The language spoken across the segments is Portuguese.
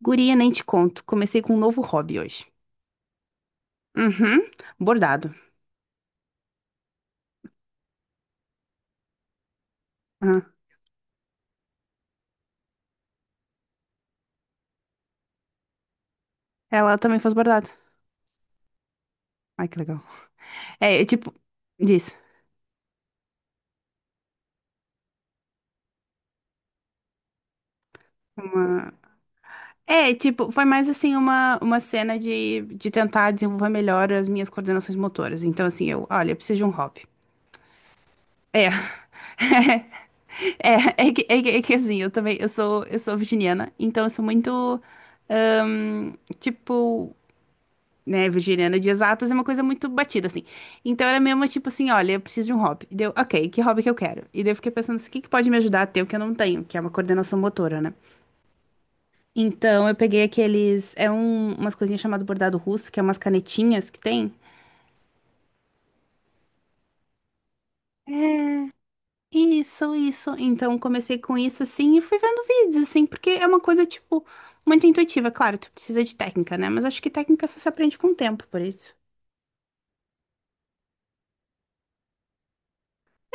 Guria, nem te conto. Comecei com um novo hobby hoje. Uhum. Bordado. Aham. Ela também faz bordado. Ai, que legal. É tipo, diz. Uma... É, tipo, foi mais assim uma cena de tentar desenvolver melhor as minhas coordenações motoras. Então, assim, eu, olha, eu preciso de um hobby. É. É que assim, eu também, eu sou virginiana, então eu sou muito, ahn, tipo, né, virginiana de exatas é uma coisa muito batida, assim. Então era mesmo tipo assim, olha, eu preciso de um hobby. E deu, ok, que hobby que eu quero? E daí eu fiquei pensando assim, o que que pode me ajudar a ter o que eu não tenho, que é uma coordenação motora, né? Então eu peguei aqueles, umas coisinhas chamado bordado russo, que é umas canetinhas que tem. Isso, isso. Então comecei com isso assim e fui vendo vídeos, assim, porque é uma coisa, tipo, muito intuitiva. Claro, tu precisa de técnica, né? Mas acho que técnica só se aprende com o tempo, por isso.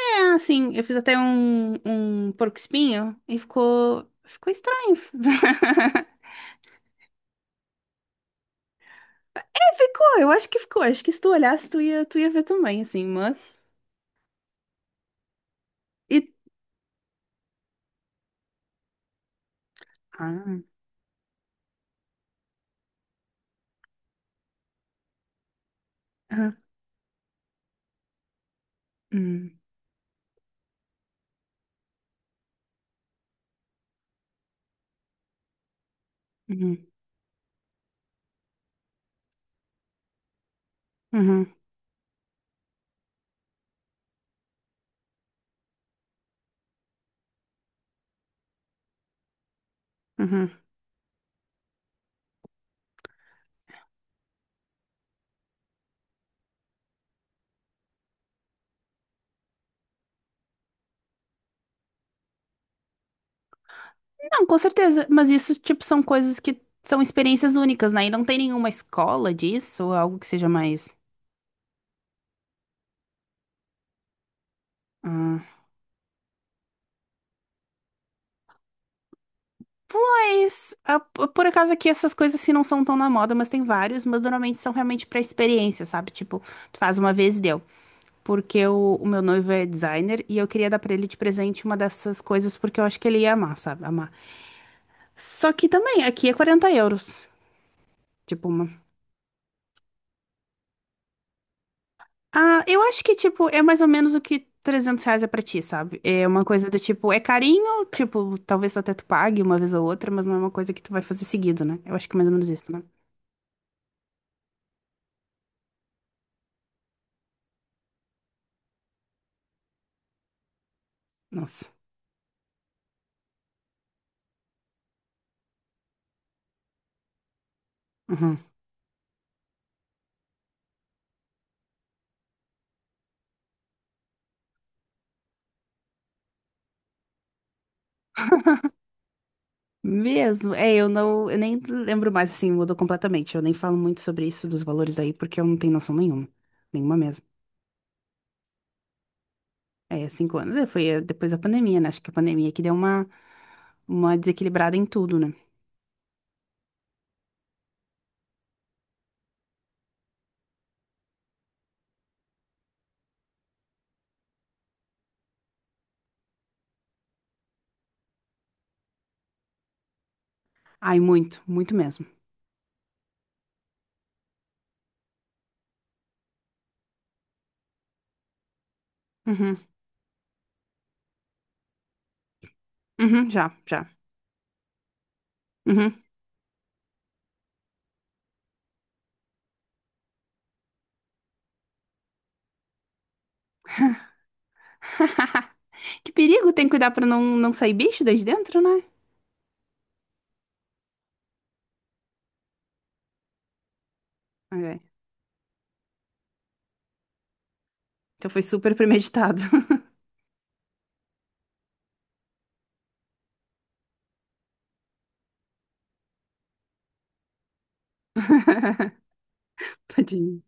É, assim, eu fiz até um porco-espinho e ficou estranho. É, ficou, eu acho que ficou. Acho que se tu olhasse, tu ia ver também, assim, mas... E... Ah, ah, hum, uhum, uhum, uhum. Não, com certeza, mas isso, tipo, são coisas que são experiências únicas, né? E não tem nenhuma escola disso, ou algo que seja mais... Ah. Pois, ah, por acaso aqui essas coisas assim não são tão na moda, mas tem vários, mas normalmente são realmente pra experiência, sabe? Tipo, tu faz uma vez e deu, porque o meu noivo é designer e eu queria dar pra ele de presente uma dessas coisas porque eu acho que ele ia amar, sabe? Amar. Só que também, aqui é 40 euros. Tipo, uma. Ah, eu acho que, tipo, é mais ou menos o que R$ 300 é pra ti, sabe? É uma coisa do tipo, é carinho, tipo, talvez até tu pague uma vez ou outra, mas não é uma coisa que tu vai fazer seguido, né? Eu acho que é mais ou menos isso, né? Nossa. Uhum. Mesmo, é, eu não, eu nem lembro mais, assim, mudou completamente. Eu nem falo muito sobre isso dos valores aí, porque eu não tenho noção nenhuma, nenhuma mesmo. É, 5 anos. É, foi depois da pandemia, né? Acho que a pandemia que deu uma desequilibrada em tudo, né? Ai, muito, muito mesmo. Uhum, uhum, já, já. Uhum. Que perigo, tem que cuidar pra não, não sair bicho desde dentro, né? É. Então foi super premeditado. Tadinho.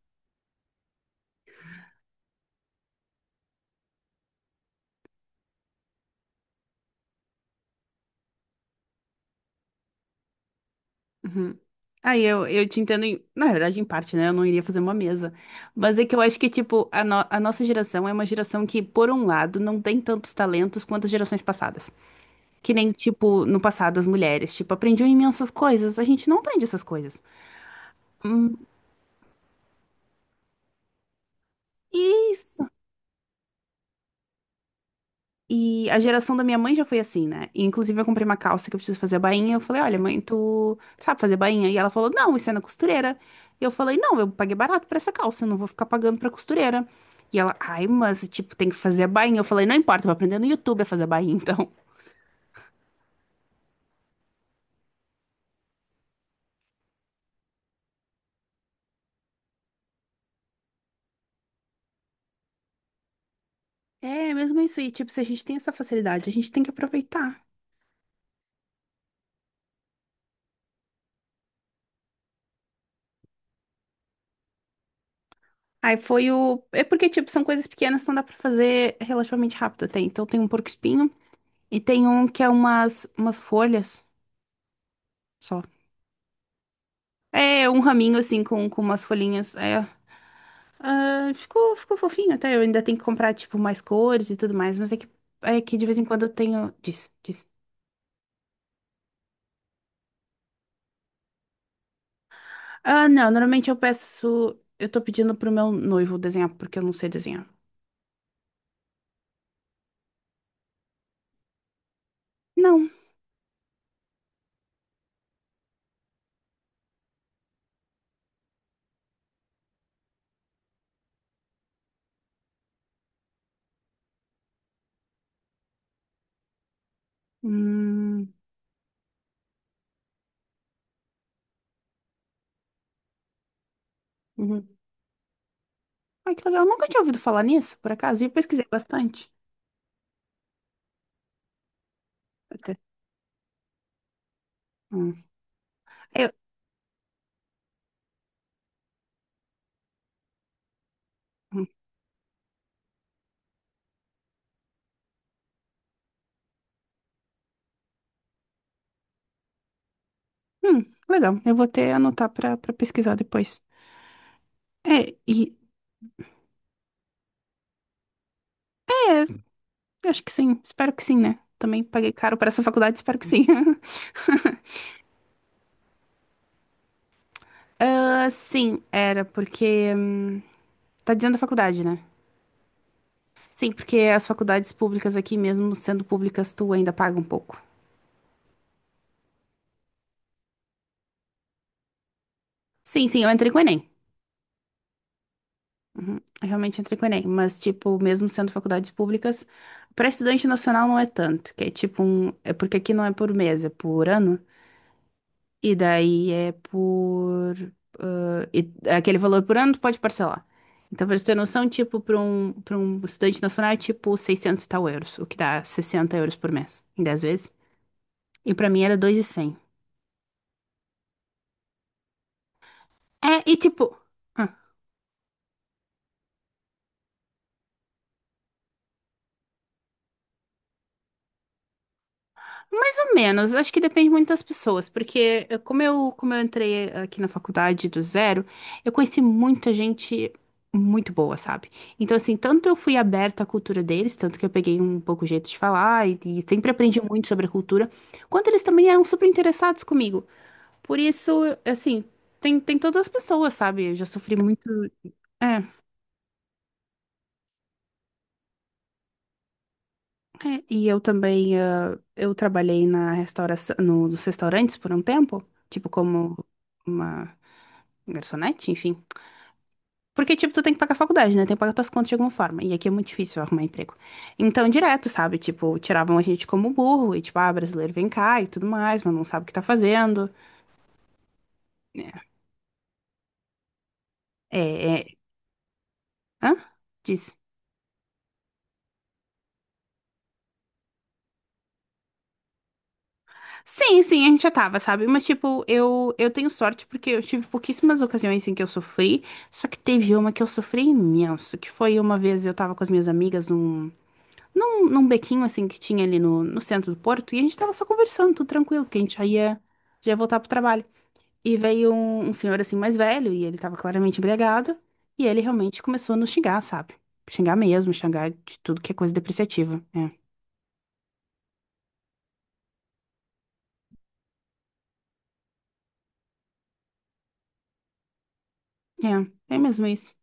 Uhum. Aí eu te entendo, na verdade, em parte, né? Eu não iria fazer uma mesa. Mas é que eu acho que, tipo, a, no- a nossa geração é uma geração que, por um lado, não tem tantos talentos quanto as gerações passadas. Que nem, tipo, no passado as mulheres, tipo, aprendiam imensas coisas. A gente não aprende essas coisas. Hum, isso! E a geração da minha mãe já foi assim, né? E, inclusive, eu comprei uma calça que eu preciso fazer a bainha. Eu falei, olha, mãe, tu sabe fazer bainha? E ela falou, não, isso é na costureira. E eu falei, não, eu paguei barato pra essa calça, eu não vou ficar pagando pra costureira. E ela, ai, mas, tipo, tem que fazer a bainha. Eu falei, não importa, eu vou aprender no YouTube a fazer a bainha, então. É, mesmo isso aí, tipo, se a gente tem essa facilidade, a gente tem que aproveitar. Aí foi o. É porque, tipo, são coisas pequenas, então dá pra fazer relativamente rápido até. Então tem um porco-espinho e tem um que é umas folhas só. É um raminho, assim, com umas folhinhas. É. Ah, ficou, ficou fofinho até. Eu ainda tenho que comprar, tipo, mais cores e tudo mais. Mas é que de vez em quando eu tenho. Diz, diz. Ah, não. Normalmente eu peço. Eu tô pedindo pro meu noivo desenhar, porque eu não sei desenhar. Não. Hum. Uhum. Ai, que legal. Eu nunca tinha ouvido falar nisso, por acaso. E eu pesquisei bastante. Até. Hum. Eu... legal. Eu vou até anotar pra, pra pesquisar depois. É, e... É, eu acho que sim. Espero que sim, né? Também paguei caro pra essa faculdade, espero que sim. Ah, sim, era, porque... tá dizendo a faculdade, né? Sim, porque as faculdades públicas aqui, mesmo sendo públicas, tu ainda paga um pouco. Sim, sim, eu entrei com o Enem. Uhum, eu realmente entrei com o Enem. Mas, tipo, mesmo sendo faculdades públicas, para estudante nacional não é tanto. Que é tipo um... É porque aqui não é por mês, é por ano. E daí é por. Aquele valor por ano tu pode parcelar. Então, pra você ter noção, tipo, para um estudante nacional é tipo 600 e tal euros, o que dá 60 euros por mês, em 10 vezes. E pra mim era 2100. É, e tipo. ah, Mais ou menos, acho que depende muito das pessoas, porque como eu entrei aqui na faculdade do zero, eu conheci muita gente muito boa, sabe? Então, assim, tanto eu fui aberta à cultura deles, tanto que eu peguei um pouco o jeito de falar e sempre aprendi muito sobre a cultura, quanto eles também eram super interessados comigo. Por isso, assim, tem, tem todas as pessoas, sabe? Eu já sofri muito. É, e eu também, eu trabalhei na restauração, nos restaurantes por um tempo, tipo, como. Uma garçonete, enfim. Porque, tipo, tu tem que pagar a faculdade, né? Tem que pagar tuas contas de alguma forma. E aqui é muito difícil arrumar emprego. Então, direto, sabe? Tipo, tiravam a gente como burro. E, tipo, ah, brasileiro vem cá e tudo mais, mas não sabe o que tá fazendo. É... Hã? Diz. Sim, sim, a gente já tava, sabe? Mas, tipo, eu tenho sorte porque eu tive pouquíssimas ocasiões em que eu sofri. Só que teve uma que eu sofri imenso, que foi uma vez eu tava com as minhas amigas num num bequinho assim que tinha ali no, no centro do Porto, e a gente tava só conversando, tudo tranquilo, porque a gente já ia voltar pro trabalho. E veio um senhor assim mais velho, e ele tava claramente embriagado, e ele realmente começou a nos xingar, sabe? Xingar mesmo, xingar de tudo que é coisa depreciativa. É, é mesmo isso.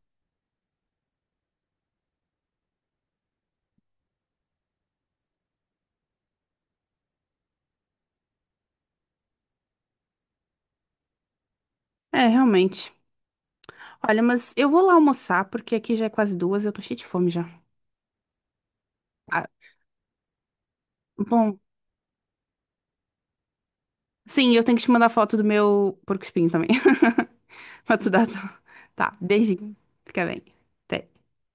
É, realmente. Olha, mas eu vou lá almoçar, porque aqui já é quase duas, eu tô cheia de fome já. Ah, bom, sim, eu tenho que te mandar foto do meu porco-espinho também. Pra tu dar. Tá, beijinho. Fica bem. Até.